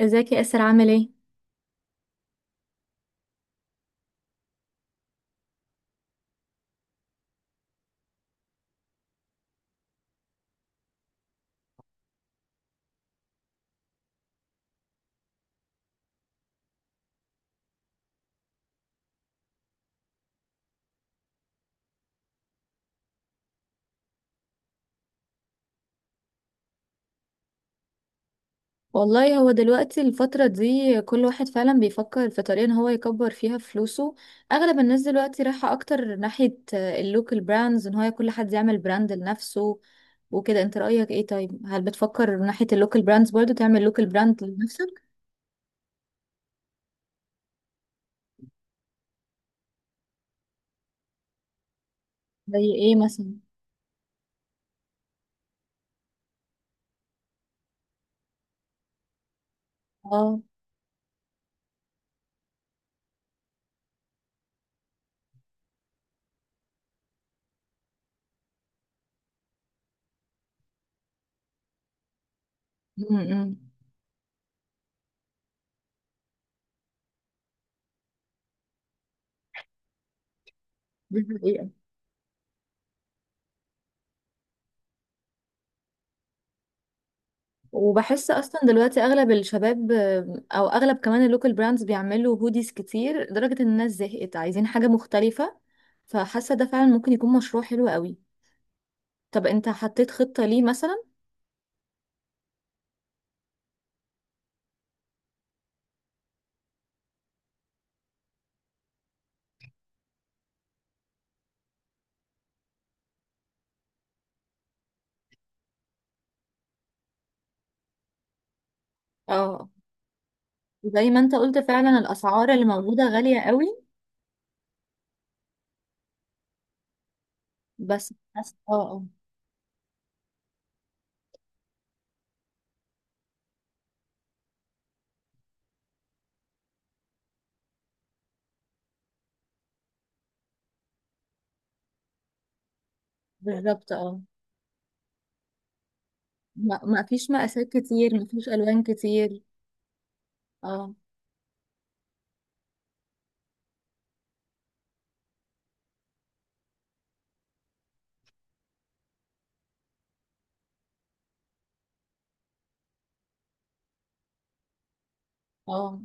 ازيك يا اسر، عامل ايه؟ والله، هو دلوقتي الفترة دي كل واحد فعلا بيفكر في طريقة ان هو يكبر فيها فلوسه. اغلب الناس دلوقتي رايحة اكتر ناحية اللوكال براندز ان هو كل حد يعمل براند لنفسه وكده. انت رأيك ايه؟ طيب، هل بتفكر من ناحية اللوكال براندز برضو تعمل لوكال براند لنفسك؟ زي ايه مثلا؟ اه. امم وبحس اصلا دلوقتي اغلب الشباب، او اغلب كمان اللوكال براندز بيعملوا هوديز كتير لدرجة ان الناس زهقت عايزين حاجة مختلفة. فحاسة ده فعلا ممكن يكون مشروع حلو قوي. طب انت حطيت خطة ليه مثلا؟ اه. زي ما انت قلت، فعلا الاسعار اللي موجودة غالية قوي. بس حاسة، اه اه. بالظبط، اه. ما فيش مقاسات كتير، ما فيش الوان كتير. اه اه.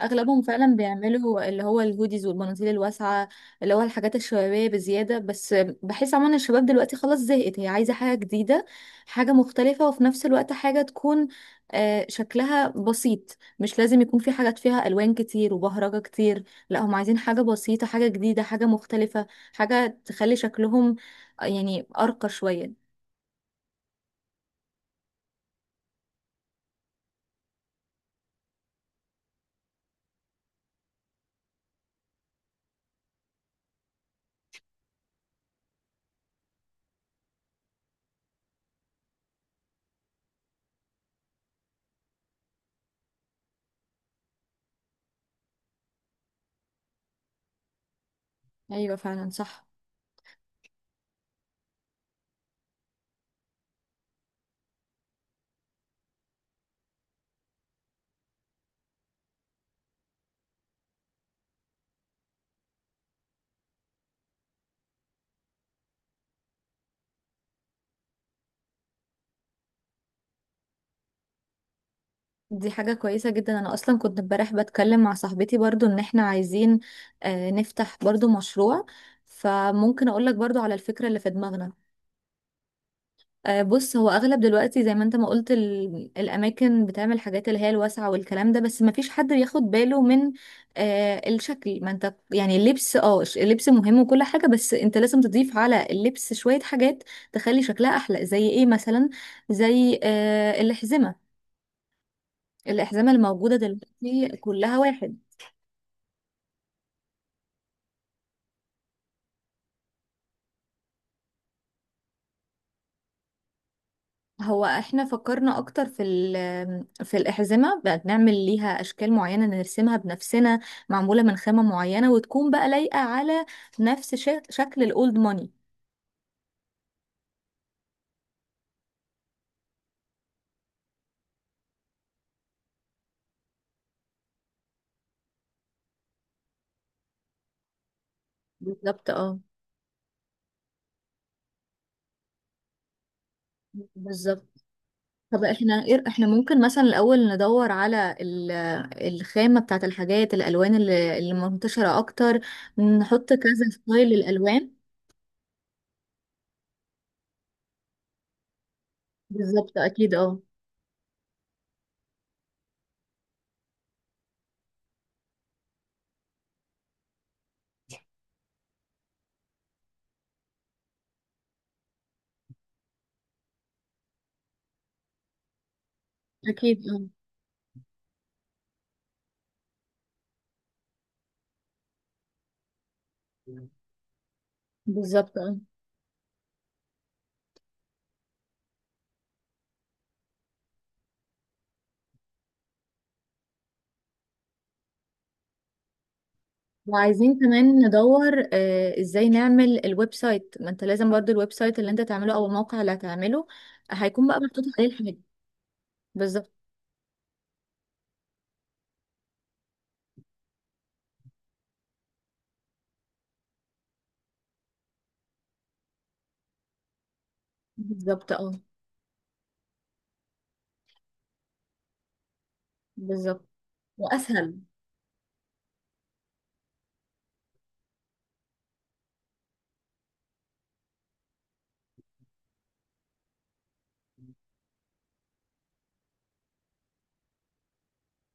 اغلبهم فعلا بيعملوا اللي هو الهوديز والبناطيل الواسعه، اللي هو الحاجات الشبابيه بزياده بس. بحس عموما الشباب دلوقتي خلاص زهقت، هي عايزه حاجه جديده، حاجه مختلفه، وفي نفس الوقت حاجه تكون شكلها بسيط، مش لازم يكون في حاجات فيها الوان كتير وبهرجه كتير. لا، هم عايزين حاجه بسيطه، حاجه جديده، حاجه مختلفه، حاجه تخلي شكلهم يعني ارقى شويه. ايوه، فعلا صح. دي حاجة كويسة جدا. أنا أصلا كنت امبارح بتكلم مع صاحبتي برضو، إن إحنا عايزين نفتح برضو مشروع. فممكن أقولك برضو على الفكرة اللي في دماغنا. بص، هو أغلب دلوقتي زي ما أنت ما قلت الأماكن بتعمل حاجات اللي هي الواسعة والكلام ده، بس مفيش حد بياخد باله من الشكل. ما أنت يعني اللبس، اللبس مهم وكل حاجة، بس أنت لازم تضيف على اللبس شوية حاجات تخلي شكلها أحلى. زي إيه مثلا؟ زي الأحزمة. الأحزمة الموجودة دلوقتي كلها واحد. هو احنا فكرنا اكتر في الاحزمه بقى، بنعمل ليها اشكال معينه نرسمها بنفسنا، معموله من خامه معينه، وتكون بقى لايقه على نفس شكل الاولد ماني. بالظبط، اه. بالظبط. طب احنا ايه، احنا ممكن مثلا الاول ندور على الخامه بتاعت الحاجات، الالوان اللي منتشره اكتر، نحط كذا ستايل للالوان. بالظبط، اكيد اه. اكيد اه. بالظبط. وعايزين كمان ندور ازاي نعمل الويب سايت، ما انت لازم برضو الويب سايت اللي انت تعمله او الموقع اللي هتعمله هيكون بقى محطوط عليه الحاجة. بالظبط. بالظبط، اه. بالظبط، واسهل.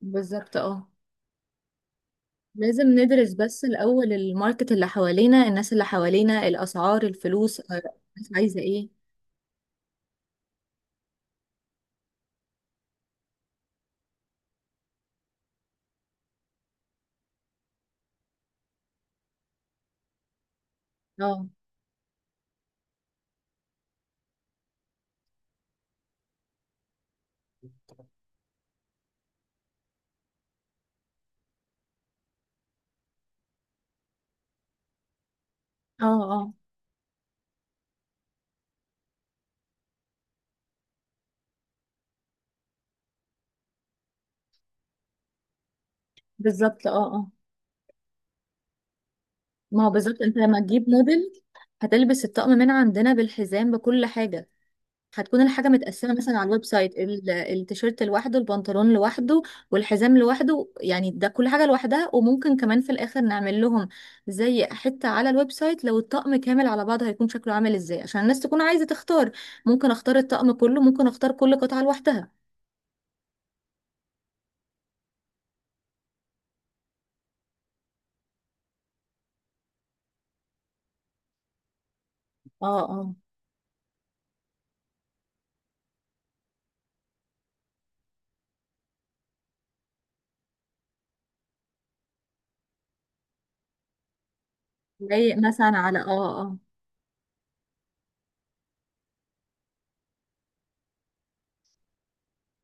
بالظبط، اه. لازم ندرس بس الاول الماركت اللي حوالينا، الناس اللي حوالينا، الاسعار، الفلوس، الناس عايزة ايه. اه اه اه. بالظبط، اه اه. ما هو بالظبط، انت لما تجيب موديل هتلبس الطقم من عندنا بالحزام بكل حاجة. هتكون الحاجة متقسمة مثلا على الويب سايت، التيشيرت لوحده، البنطلون لوحده، والحزام لوحده. يعني ده كل حاجة لوحدها، وممكن كمان في الآخر نعمل لهم زي حتة على الويب سايت لو الطقم كامل على بعضه هيكون شكله عامل ازاي، عشان الناس تكون عايزة تختار. ممكن اختار الطقم كله، ممكن اختار كل قطعة لوحدها. اه اه، لايق مثلا على اه اه آه.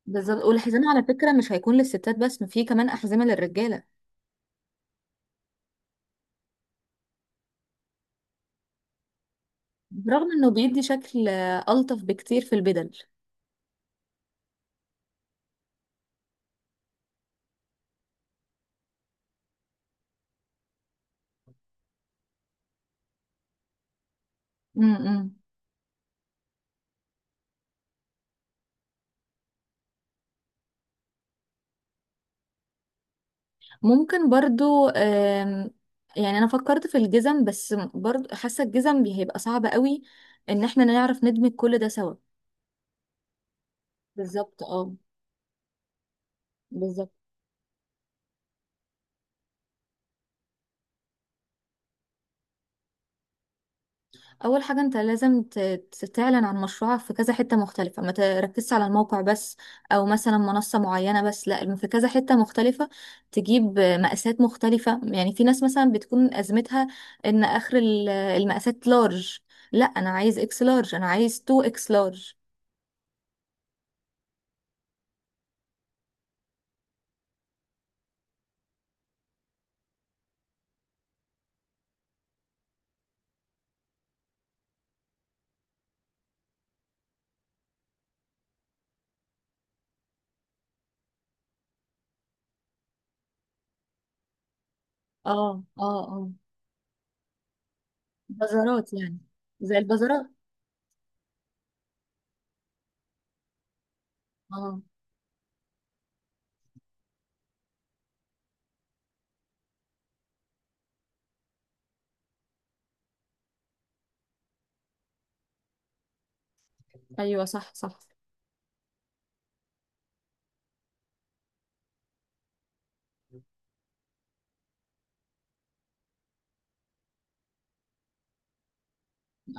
بالظبط. والحزام على فكرة مش هيكون للستات بس، في كمان أحزمة للرجالة. برغم انه بيدي شكل ألطف بكتير في البدل. امم. ممكن برضو، يعني انا فكرت في الجزم، بس برضو حاسه الجزم هيبقى صعب قوي ان احنا نعرف ندمج كل ده سوا. بالظبط، اه. بالظبط. اول حاجه انت لازم تعلن عن مشروعك في كذا حته مختلفه، ما تركزش على الموقع بس او مثلا منصه معينه بس. لا، في كذا حته مختلفه، تجيب مقاسات مختلفه. يعني في ناس مثلا بتكون ازمتها ان اخر المقاسات لارج. لا انا عايز اكس لارج، انا عايز 2 اكس لارج. اه اه اه. بازارات يعني، زي البازارات. اه. ايوه، صح صح.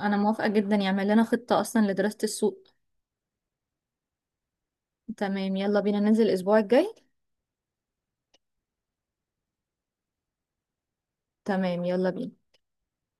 انا موافقة جدا، يعمل لنا خطة اصلا لدراسة السوق. تمام، يلا بينا ننزل الاسبوع الجاي. تمام، يلا بينا.